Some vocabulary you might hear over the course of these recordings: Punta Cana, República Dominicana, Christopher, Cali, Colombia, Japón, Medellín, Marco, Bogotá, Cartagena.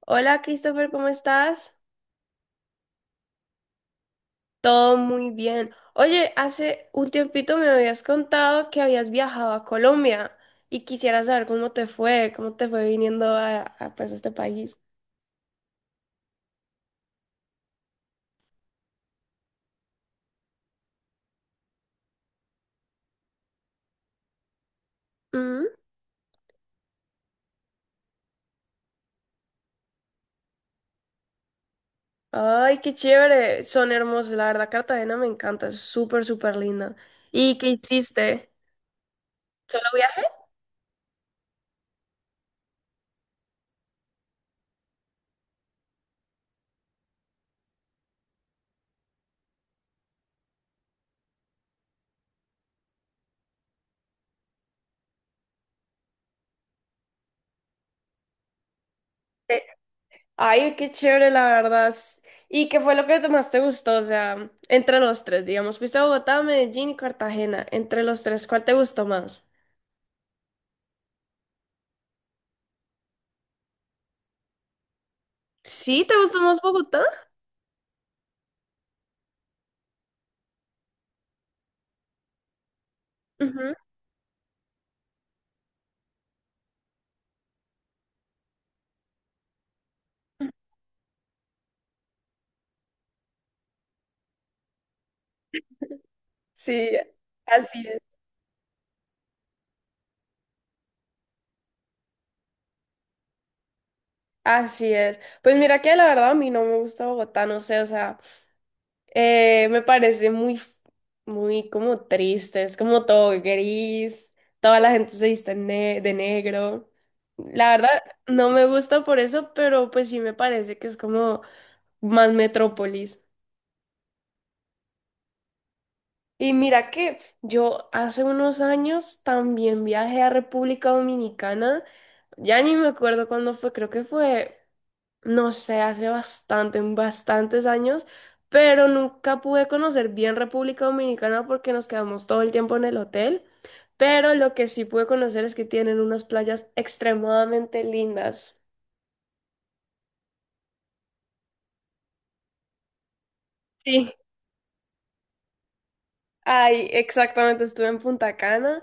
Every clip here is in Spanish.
Hola Christopher, ¿cómo estás? Todo muy bien. Oye, hace un tiempito me habías contado que habías viajado a Colombia y quisiera saber cómo te fue viniendo pues, a este país. Ujú. Ay, qué chévere. Son hermosos, la verdad, Cartagena me encanta, es súper, súper linda. ¿Y qué hiciste? ¿Solo viajaste? Ay, qué chévere, la verdad. ¿Y qué fue lo que más te gustó? O sea, entre los tres, digamos, fuiste a Bogotá, Medellín y Cartagena. Entre los tres, ¿cuál te gustó más? Sí, ¿te gusta más Bogotá? Ujú. Sí, así es. Así es. Pues mira que la verdad a mí no me gusta Bogotá, no sé, o sea, me parece muy como triste, es como todo gris, toda la gente se viste de negro. La verdad no me gusta por eso, pero pues sí me parece que es como más metrópolis. Y mira que yo hace unos años también viajé a República Dominicana. Ya ni me acuerdo cuándo fue, creo que fue, no sé, hace bastante, bastantes años, pero nunca pude conocer bien República Dominicana porque nos quedamos todo el tiempo en el hotel. Pero lo que sí pude conocer es que tienen unas playas extremadamente lindas. Sí. Ay, exactamente, estuve en Punta Cana,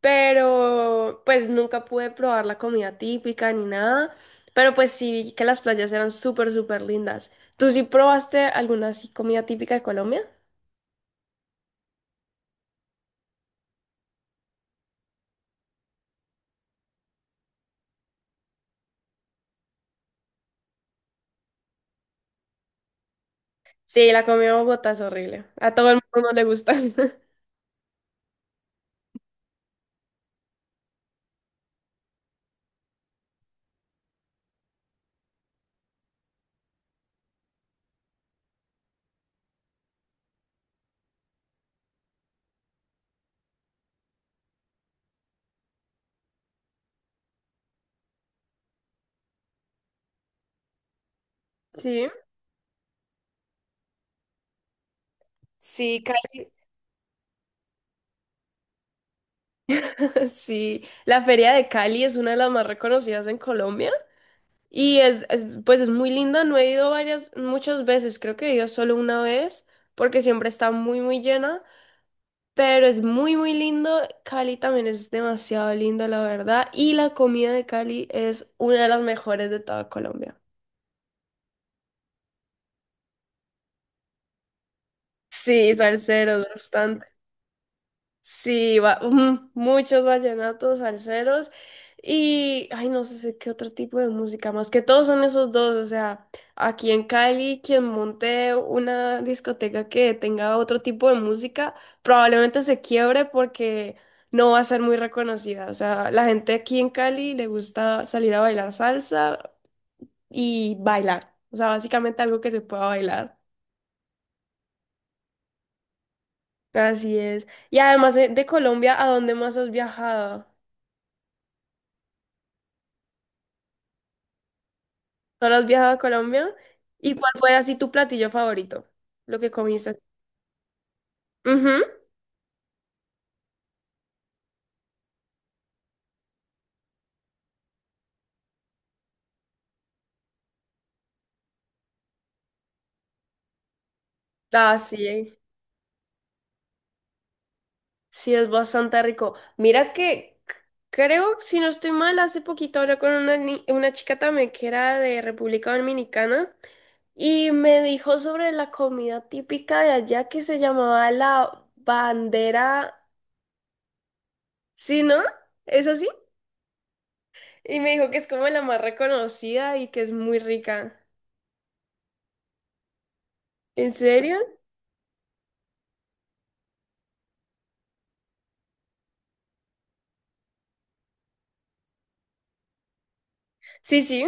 pero pues nunca pude probar la comida típica ni nada, pero pues sí vi que las playas eran súper, súper lindas. ¿Tú sí probaste alguna así comida típica de Colombia? Sí, la comida de Bogotá es horrible. A todo el mundo no le gusta. Sí. Sí. Sí. La feria de Cali es una de las más reconocidas en Colombia y pues es muy linda. No he ido varias, muchas veces, creo que he ido solo una vez porque siempre está muy, muy llena. Pero es muy, muy lindo. Cali también es demasiado lindo, la verdad. Y la comida de Cali es una de las mejores de toda Colombia. Sí, salseros, bastante. Sí, ujú, muchos vallenatos, salseros y, ay, no sé qué otro tipo de música más, que todos son esos dos, o sea, aquí en Cali, quien monte una discoteca que tenga otro tipo de música, probablemente se quiebre porque no va a ser muy reconocida, o sea, la gente aquí en Cali le gusta salir a bailar salsa y bailar, o sea, básicamente algo que se pueda bailar, así es. Y además de Colombia, ¿a dónde más has viajado? ¿Solo has viajado a Colombia? ¿Y cuál fue así tu platillo favorito? Lo que comiste. Ujú. Ah, sí. Sí, es bastante rico. Mira que creo, si no estoy mal, hace poquito hablé con una, ni- una chica también que era de República Dominicana y me dijo sobre la comida típica de allá que se llamaba la bandera. ¿Sí, no? ¿Es así? Y me dijo que es como la más reconocida y que es muy rica. ¿En serio? Sí, sí.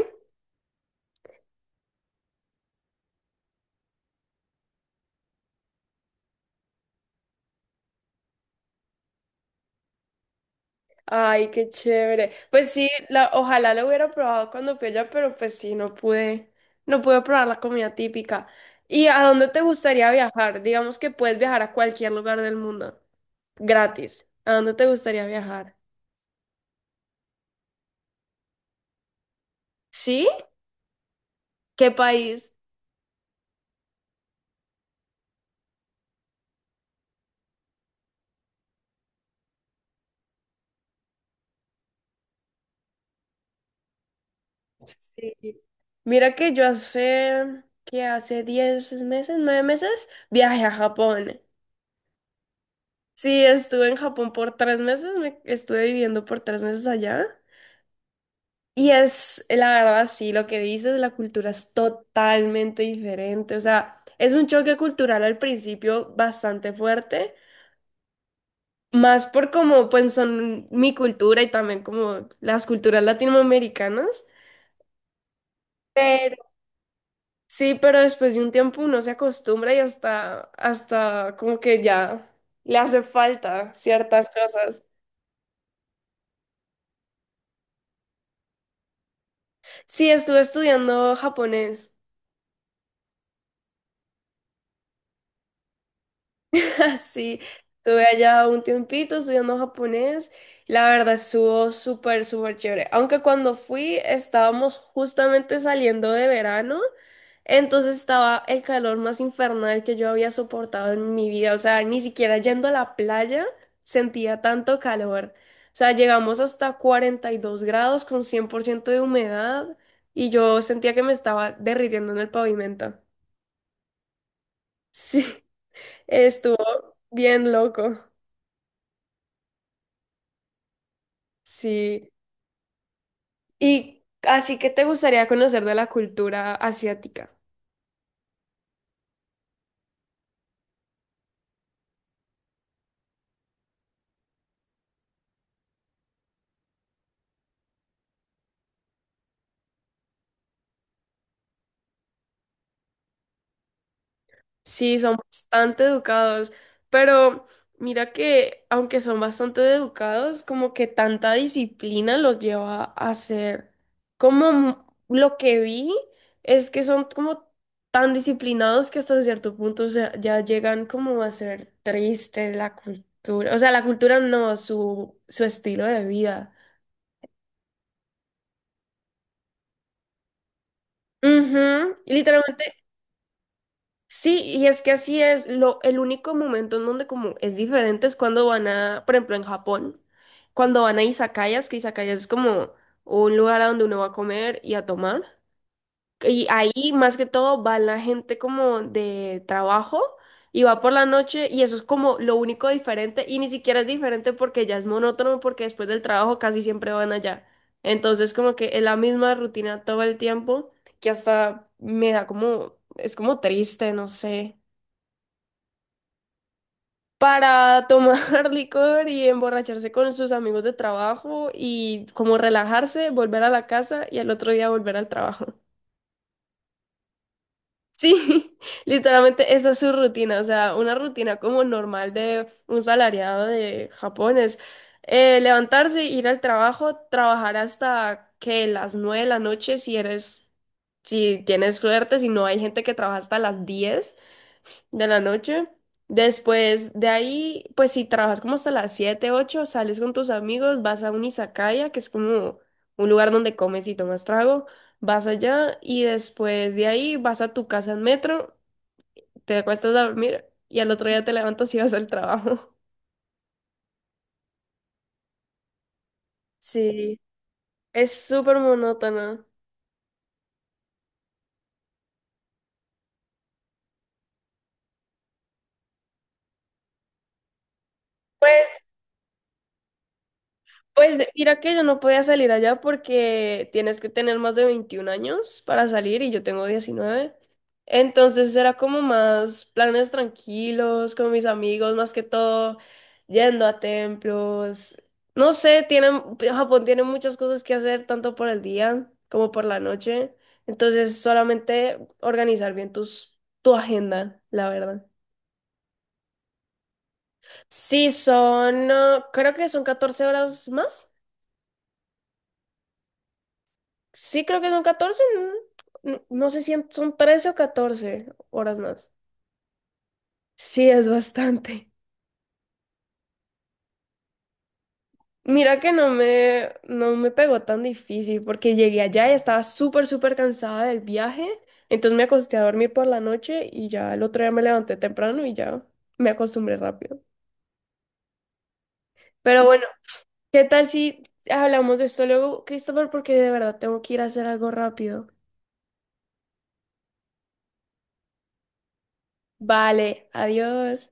Ay, qué chévere. Pues sí, ojalá lo hubiera probado cuando fui allá, pero pues sí, no pude probar la comida típica. ¿Y a dónde te gustaría viajar? Digamos que puedes viajar a cualquier lugar del mundo, gratis. ¿A dónde te gustaría viajar? ¿Sí? ¿Qué país? Sí. Mira que yo hace 10 meses, 9 meses, viajé a Japón. Sí, estuve en Japón por 3 meses, me estuve viviendo por 3 meses allá. Y es, la verdad, sí, lo que dices, la cultura es totalmente diferente. O sea, es un choque cultural al principio bastante fuerte, más por como pues son mi cultura y también como las culturas latinoamericanas. Pero sí, pero después de un tiempo uno se acostumbra y hasta, hasta como que ya le hace falta ciertas cosas. Sí, estuve estudiando japonés. Sí, estuve allá un tiempito estudiando japonés. La verdad estuvo súper, súper chévere. Aunque cuando fui estábamos justamente saliendo de verano, entonces estaba el calor más infernal que yo había soportado en mi vida. O sea, ni siquiera yendo a la playa sentía tanto calor. O sea, llegamos hasta 42 grados con 100% de humedad y yo sentía que me estaba derritiendo en el pavimento. Sí, estuvo bien loco. Sí. Y así que te gustaría conocer de la cultura asiática. Sí, son bastante educados, pero mira que aunque son bastante educados, como que tanta disciplina los lleva a ser como lo que vi es que son como tan disciplinados que hasta cierto punto ya llegan como a ser tristes la cultura. O sea, la cultura no, su estilo de vida. Ujú, literalmente. Sí, y es que así es, lo, el único momento en donde como es diferente es cuando van a, por ejemplo, en Japón, cuando van a izakayas, que izakayas es como un lugar a donde uno va a comer y a tomar. Y ahí más que todo va la gente como de trabajo y va por la noche y eso es como lo único diferente y ni siquiera es diferente porque ya es monótono porque después del trabajo casi siempre van allá. Entonces como que es la misma rutina todo el tiempo que hasta me da como, es como triste, no sé. Para tomar licor y emborracharse con sus amigos de trabajo y como relajarse, volver a la casa y al otro día volver al trabajo. Sí, literalmente esa es su rutina, o sea, una rutina como normal de un salariado de Japón es levantarse, ir al trabajo, trabajar hasta que las 9 de la noche si eres, si tienes suerte, si no hay gente que trabaja hasta las 10 de la noche. Después de ahí, pues si trabajas como hasta las 7 8 sales con tus amigos, vas a un izakaya, que es como un lugar donde comes y tomas trago, vas allá y después de ahí vas a tu casa en metro, te acuestas a dormir y al otro día te levantas y vas al trabajo. Sí, es súper monótono. Pues Pues mira que yo no podía salir allá porque tienes que tener más de 21 años para salir y yo tengo 19. Entonces era como más planes tranquilos con mis amigos, más que todo yendo a templos. No sé, tienen, Japón tiene muchas cosas que hacer tanto por el día como por la noche. Entonces solamente organizar bien tu agenda, la verdad. Sí, son, creo que son 14 horas más. Sí, creo que son 14. ¿No? No sé si son 13 o 14 horas más. Sí, es bastante. Mira que no me pegó tan difícil porque llegué allá y estaba súper, súper cansada del viaje. Entonces me acosté a dormir por la noche y ya el otro día me levanté temprano y ya me acostumbré rápido. Pero bueno, ¿qué tal si hablamos de esto luego, Christopher? Porque de verdad tengo que ir a hacer algo rápido. Vale, adiós.